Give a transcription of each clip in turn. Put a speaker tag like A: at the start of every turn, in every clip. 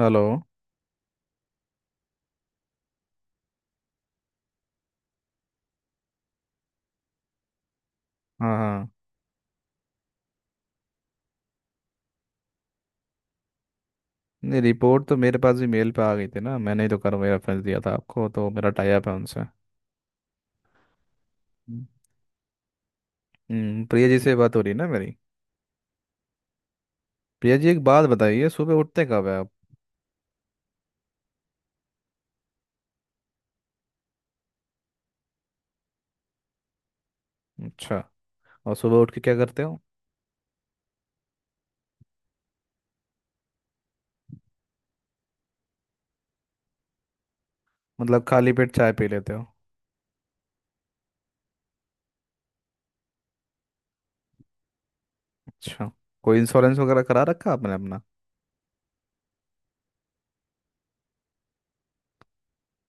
A: Hello. हाँ हाँ। नहीं, रिपोर्ट तो मेरे पास भी मेल पे आ गई थी ना, मैंने ही तो करवाई, रेफरेंस दिया था आपको, तो मेरा टाई अप है उनसे। हम्म। प्रिया जी से बात हो रही है ना मेरी? प्रिया जी एक बात बताइए, सुबह उठते कब है आप? अच्छा। और सुबह उठ के क्या करते हो? मतलब खाली पेट चाय पी लेते हो? अच्छा। कोई इंश्योरेंस वगैरह करा रखा आपने अपना?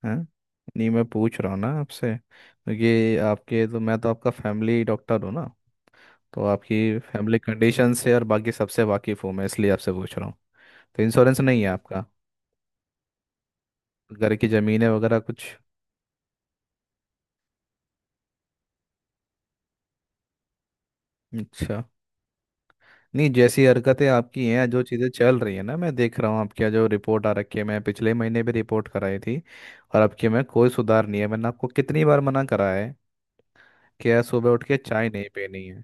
A: है? नहीं, मैं पूछ रहा हूँ ना आपसे, क्योंकि आपके तो, मैं तो आपका फैमिली डॉक्टर हूँ ना, तो आपकी फैमिली कंडीशन से और बाकी सबसे वाकिफ़ हूँ मैं, इसलिए आपसे पूछ रहा हूँ। तो इंश्योरेंस नहीं है आपका? घर की जमीनें वगैरह कुछ? अच्छा। नहीं, जैसी हरकतें आपकी हैं, जो चीज़ें चल रही है ना, मैं देख रहा हूँ आपकी जो रिपोर्ट आ रखी है, मैं पिछले महीने भी रिपोर्ट कराई थी और आपके में कोई सुधार नहीं है। मैंने आपको कितनी बार मना करा है कि यार सुबह उठ के चाय नहीं पीनी है।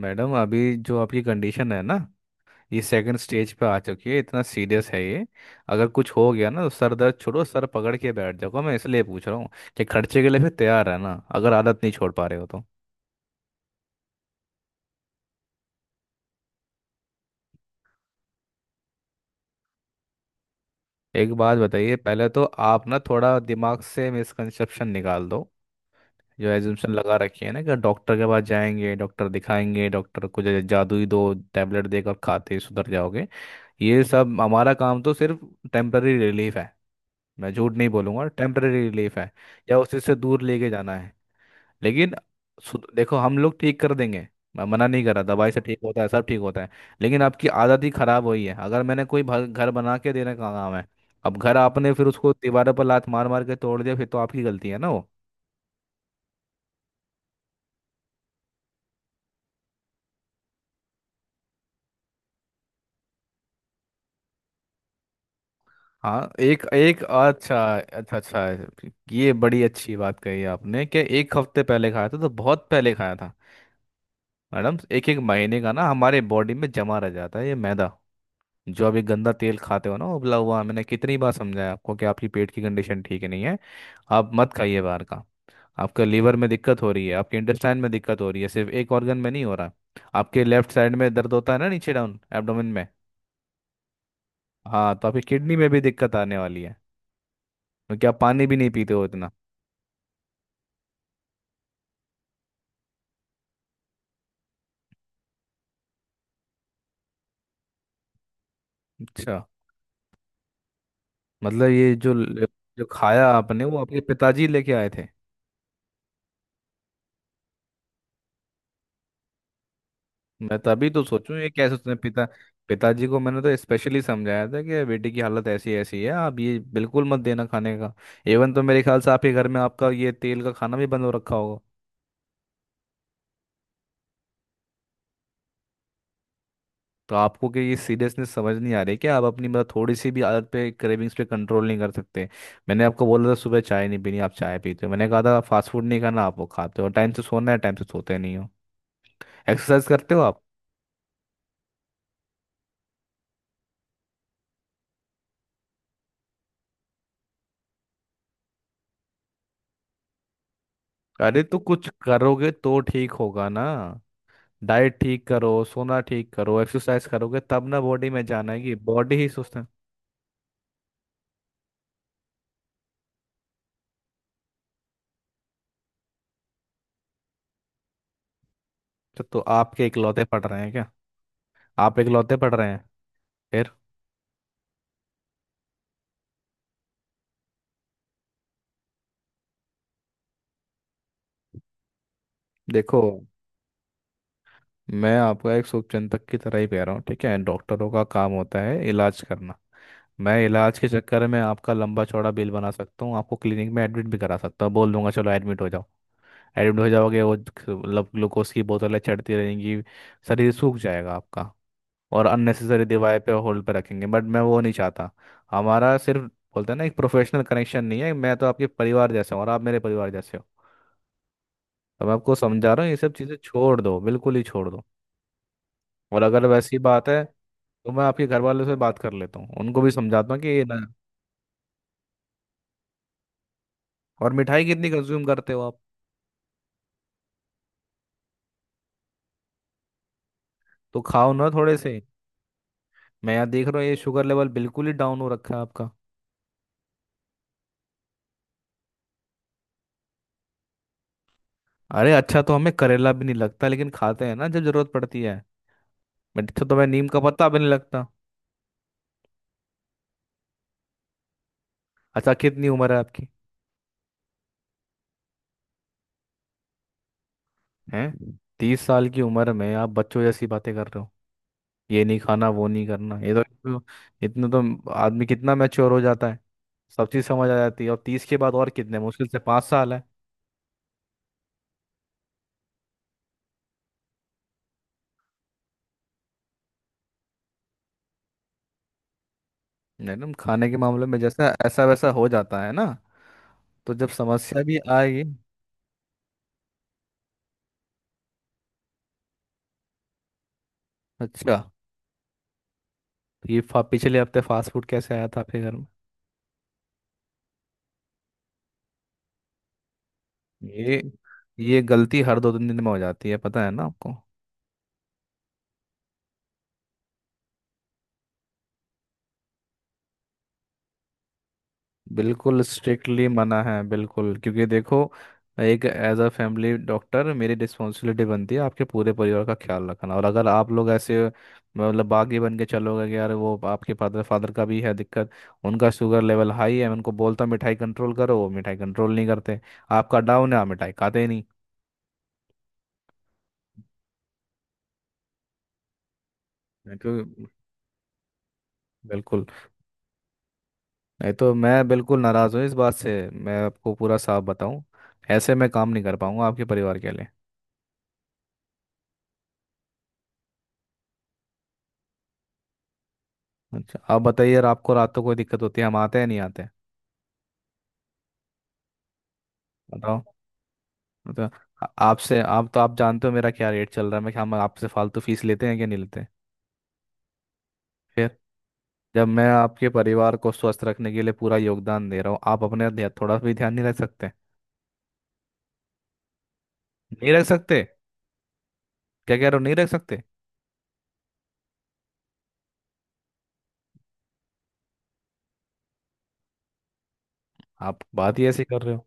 A: मैडम अभी जो आपकी कंडीशन है ना, ये सेकंड स्टेज पे आ चुकी है, इतना सीरियस है ये। अगर कुछ हो गया ना, तो सर दर्द छोड़ो, सर पकड़ के बैठ जाओ। मैं इसलिए पूछ रहा हूँ कि खर्चे के लिए फिर तैयार है ना, अगर आदत नहीं छोड़ पा रहे हो तो। एक बात बताइए, पहले तो आप ना थोड़ा दिमाग से मिसकंसेप्शन निकाल दो। जो एजम्पशन लगा रखी है ना कि डॉक्टर के पास जाएंगे, डॉक्टर दिखाएंगे, डॉक्टर को जादुई दो टेबलेट देकर खाते ही सुधर जाओगे। ये सब, हमारा काम तो सिर्फ टेम्पररी रिलीफ है। मैं झूठ नहीं बोलूंगा, टेम्पररी रिलीफ है या उसी से दूर लेके जाना है। लेकिन देखो, हम लोग ठीक कर देंगे। मैं मना नहीं कर रहा, दवाई से ठीक होता है, सब ठीक होता है। लेकिन आपकी आदत ही खराब हुई है। अगर मैंने कोई घर बना के देने का काम है, अब घर आपने फिर उसको दीवारों पर लात मार मार के तोड़ दिया, फिर तो आपकी गलती है ना वो। हाँ, एक एक अच्छा अच्छा अच्छा। ये बड़ी अच्छी बात कही आपने कि एक हफ्ते पहले खाया था तो बहुत पहले खाया था। मैडम, एक एक महीने का ना हमारे बॉडी में जमा रह जाता है ये मैदा, जो आप ये गंदा तेल खाते हो ना उबला हुआ। मैंने कितनी बार समझाया आपको कि आपकी पेट की कंडीशन ठीक नहीं है, आप मत खाइए बाहर का। आपका लीवर में दिक्कत हो रही है, आपके इंटेस्टाइन में दिक्कत हो रही है, सिर्फ एक ऑर्गन में नहीं हो रहा। आपके लेफ्ट साइड में दर्द होता है ना, नीचे डाउन एब्डोमेन में। हाँ, तो आपकी किडनी में भी दिक्कत आने वाली है, क्योंकि आप पानी भी नहीं पीते हो इतना। अच्छा। मतलब ये जो जो खाया आपने वो आपके पिताजी लेके आए थे? मैं तभी तो सोचूं, ये कैसे उसने पिताजी को मैंने तो स्पेशली समझाया था कि बेटी की हालत ऐसी ऐसी है, आप ये बिल्कुल मत देना खाने का। इवन तो मेरे ख्याल से आपके घर में आपका ये तेल का खाना भी बंद हो रखा होगा। तो आपको कि ये सीरियसनेस समझ नहीं आ रही कि आप अपनी मतलब थोड़ी सी भी आदत पे, क्रेविंग्स पे कंट्रोल नहीं कर सकते? मैंने आपको बोला था सुबह चाय नहीं पीनी, आप चाय पीते हो। मैंने कहा था फास्ट फूड नहीं खाना, आप वो खाते हो। टाइम से सोना है, टाइम से सोते नहीं हो। एक्सरसाइज करते हो आप? अरे तो कुछ करोगे तो ठीक होगा ना। डाइट ठीक करो, सोना ठीक करो, एक्सरसाइज करोगे तब ना बॉडी में जान आएगी, बॉडी ही सुस्त है। अच्छा, तो आपके इकलौते पढ़ रहे हैं क्या? आप इकलौते पढ़ रहे हैं? फिर? देखो, मैं आपका एक शुभचिंतक की तरह ही कह रहा हूँ, ठीक है। डॉक्टरों का काम होता है इलाज करना। मैं इलाज के चक्कर में आपका लंबा चौड़ा बिल बना सकता हूँ, आपको क्लिनिक में एडमिट भी करा सकता हूँ, बोल दूंगा चलो एडमिट हो जाओ। एडमिट हो जाओगे, वो मतलब ग्लूकोज की बोतलें चढ़ती रहेंगी, शरीर सूख जाएगा आपका और अननेसेसरी डिवाइस पे होल्ड पे रखेंगे, बट मैं वो नहीं चाहता। हमारा सिर्फ, बोलते हैं ना, एक प्रोफेशनल कनेक्शन नहीं है, मैं तो आपके परिवार जैसे हूँ और आप मेरे परिवार जैसे हो। तो मैं आपको समझा रहा हूँ, ये सब चीज़ें छोड़ दो, बिल्कुल ही छोड़ दो। और अगर वैसी बात है तो मैं आपके घर वालों से बात कर लेता हूँ, उनको भी समझाता हूँ कि ये ना। और मिठाई कितनी कंज्यूम करते हो आप? तो खाओ ना थोड़े से। मैं यहाँ देख रहा हूँ ये शुगर लेवल बिल्कुल ही डाउन हो रखा है आपका। अरे अच्छा, तो हमें करेला भी नहीं लगता, लेकिन खाते हैं ना जब जरूरत पड़ती है। अच्छा, तो मैं नीम का पत्ता भी नहीं लगता। अच्छा, कितनी उम्र है आपकी? हैं, 30 साल की उम्र में आप बच्चों जैसी बातें कर रहे हो, ये नहीं खाना वो नहीं करना, ये तो। इतने तो आदमी कितना मैच्योर हो जाता है, सब चीज़ समझ आ जाती है। और 30 के बाद और कितने, मुश्किल से 5 साल है। मैडम, खाने के मामले में जैसा ऐसा वैसा हो जाता है ना, तो जब समस्या भी आएगी। अच्छा, तो ये पिछले हफ्ते फास्ट फूड कैसे आया था आपके घर में? ये ये गलती हर 2 3 दिन में हो जाती है, पता है ना आपको? बिल्कुल स्ट्रिक्टली मना है, बिल्कुल। क्योंकि देखो, एक एज अ फैमिली डॉक्टर मेरी रिस्पॉन्सिबिलिटी बनती है आपके पूरे परिवार का ख्याल रखना। और अगर आप लोग ऐसे मतलब बागी बन के चलोगे कि यार, वो आपके फादर फादर का भी है दिक्कत, उनका शुगर लेवल हाई है, मैं उनको बोलता हूँ मिठाई कंट्रोल करो, वो मिठाई कंट्रोल नहीं करते। आपका डाउन है, आप मिठाई खाते ही नहीं। मैं क्यों? बिल्कुल। नहीं तो मैं बिल्कुल नाराज़ हूँ इस बात से, मैं आपको पूरा साफ बताऊँ, ऐसे मैं काम नहीं कर पाऊंगा आपके परिवार के लिए। अच्छा आप बताइए, अगर आपको रात को कोई दिक्कत होती है, हम आते हैं नहीं आते हैं? बताओ। तो आपसे, आप तो आप जानते हो मेरा क्या रेट चल रहा है। मैं क्या, हम आपसे फालतू फीस लेते हैं कि नहीं लेते? फिर? जब मैं आपके परिवार को स्वस्थ रखने के लिए पूरा योगदान दे रहा हूँ, आप अपने ध्यान थोड़ा भी ध्यान नहीं रख सकते? नहीं रख सकते? क्या कह रहे हो नहीं रख सकते? आप बात ही ऐसी कर रहे हो।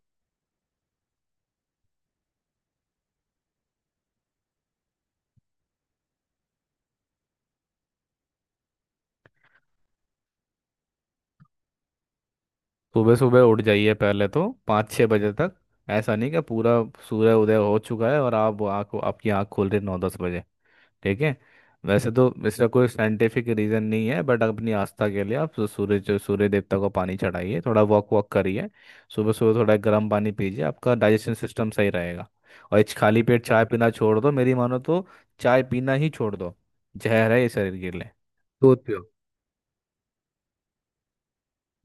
A: सुबह सुबह उठ जाइए पहले तो, 5 6 बजे तक। ऐसा नहीं कि पूरा सूर्य उदय हो चुका है और आप आँख, आपकी आँख खोल रही है 9 10 बजे। ठीक है? वैसे तो इसका कोई साइंटिफिक रीजन नहीं है, बट अपनी आस्था के लिए आप सूर्य, जो सूर्य देवता को पानी चढ़ाइए, थोड़ा वॉक वॉक करिए। सुबह सुबह थोड़ा गर्म पानी पीजिए, आपका डाइजेशन सिस्टम सही रहेगा। और इस खाली पेट चाय पीना छोड़ दो, मेरी मानो तो चाय पीना ही छोड़ दो। जहर है ये शरीर के लिए। दूध पियो।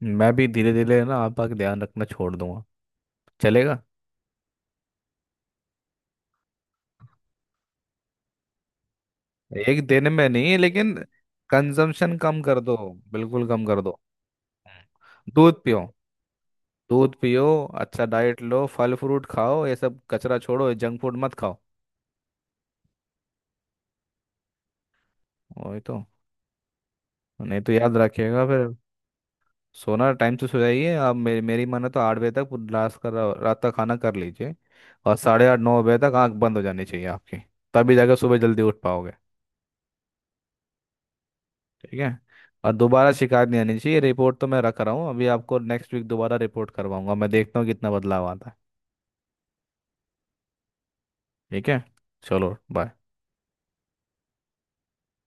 A: मैं भी धीरे धीरे ना आपका ध्यान रखना छोड़ दूंगा, चलेगा? एक दिन में नहीं, लेकिन कंजम्पशन कम कर दो, बिल्कुल कम कर दो। दूध पियो, दूध पियो। अच्छा डाइट लो, फल फ्रूट खाओ, ये सब कचरा छोड़ो, ये जंक फूड मत खाओ। वही तो। नहीं तो याद रखिएगा फिर। सोना टाइम से सो जाइए आप। मेरी मेरी माने तो 8 बजे तक पूरी लास्ट का रात का खाना कर लीजिए। और 8:30 9 बजे तक आंख बंद हो जानी चाहिए आपकी, तभी जाकर सुबह जल्दी उठ पाओगे। ठीक है? और दोबारा शिकायत नहीं आनी चाहिए। रिपोर्ट तो मैं रख रहा हूँ, अभी आपको नेक्स्ट वीक दोबारा रिपोर्ट करवाऊंगा, मैं देखता हूँ कितना बदलाव आता है। ठीक है। चलो बाय।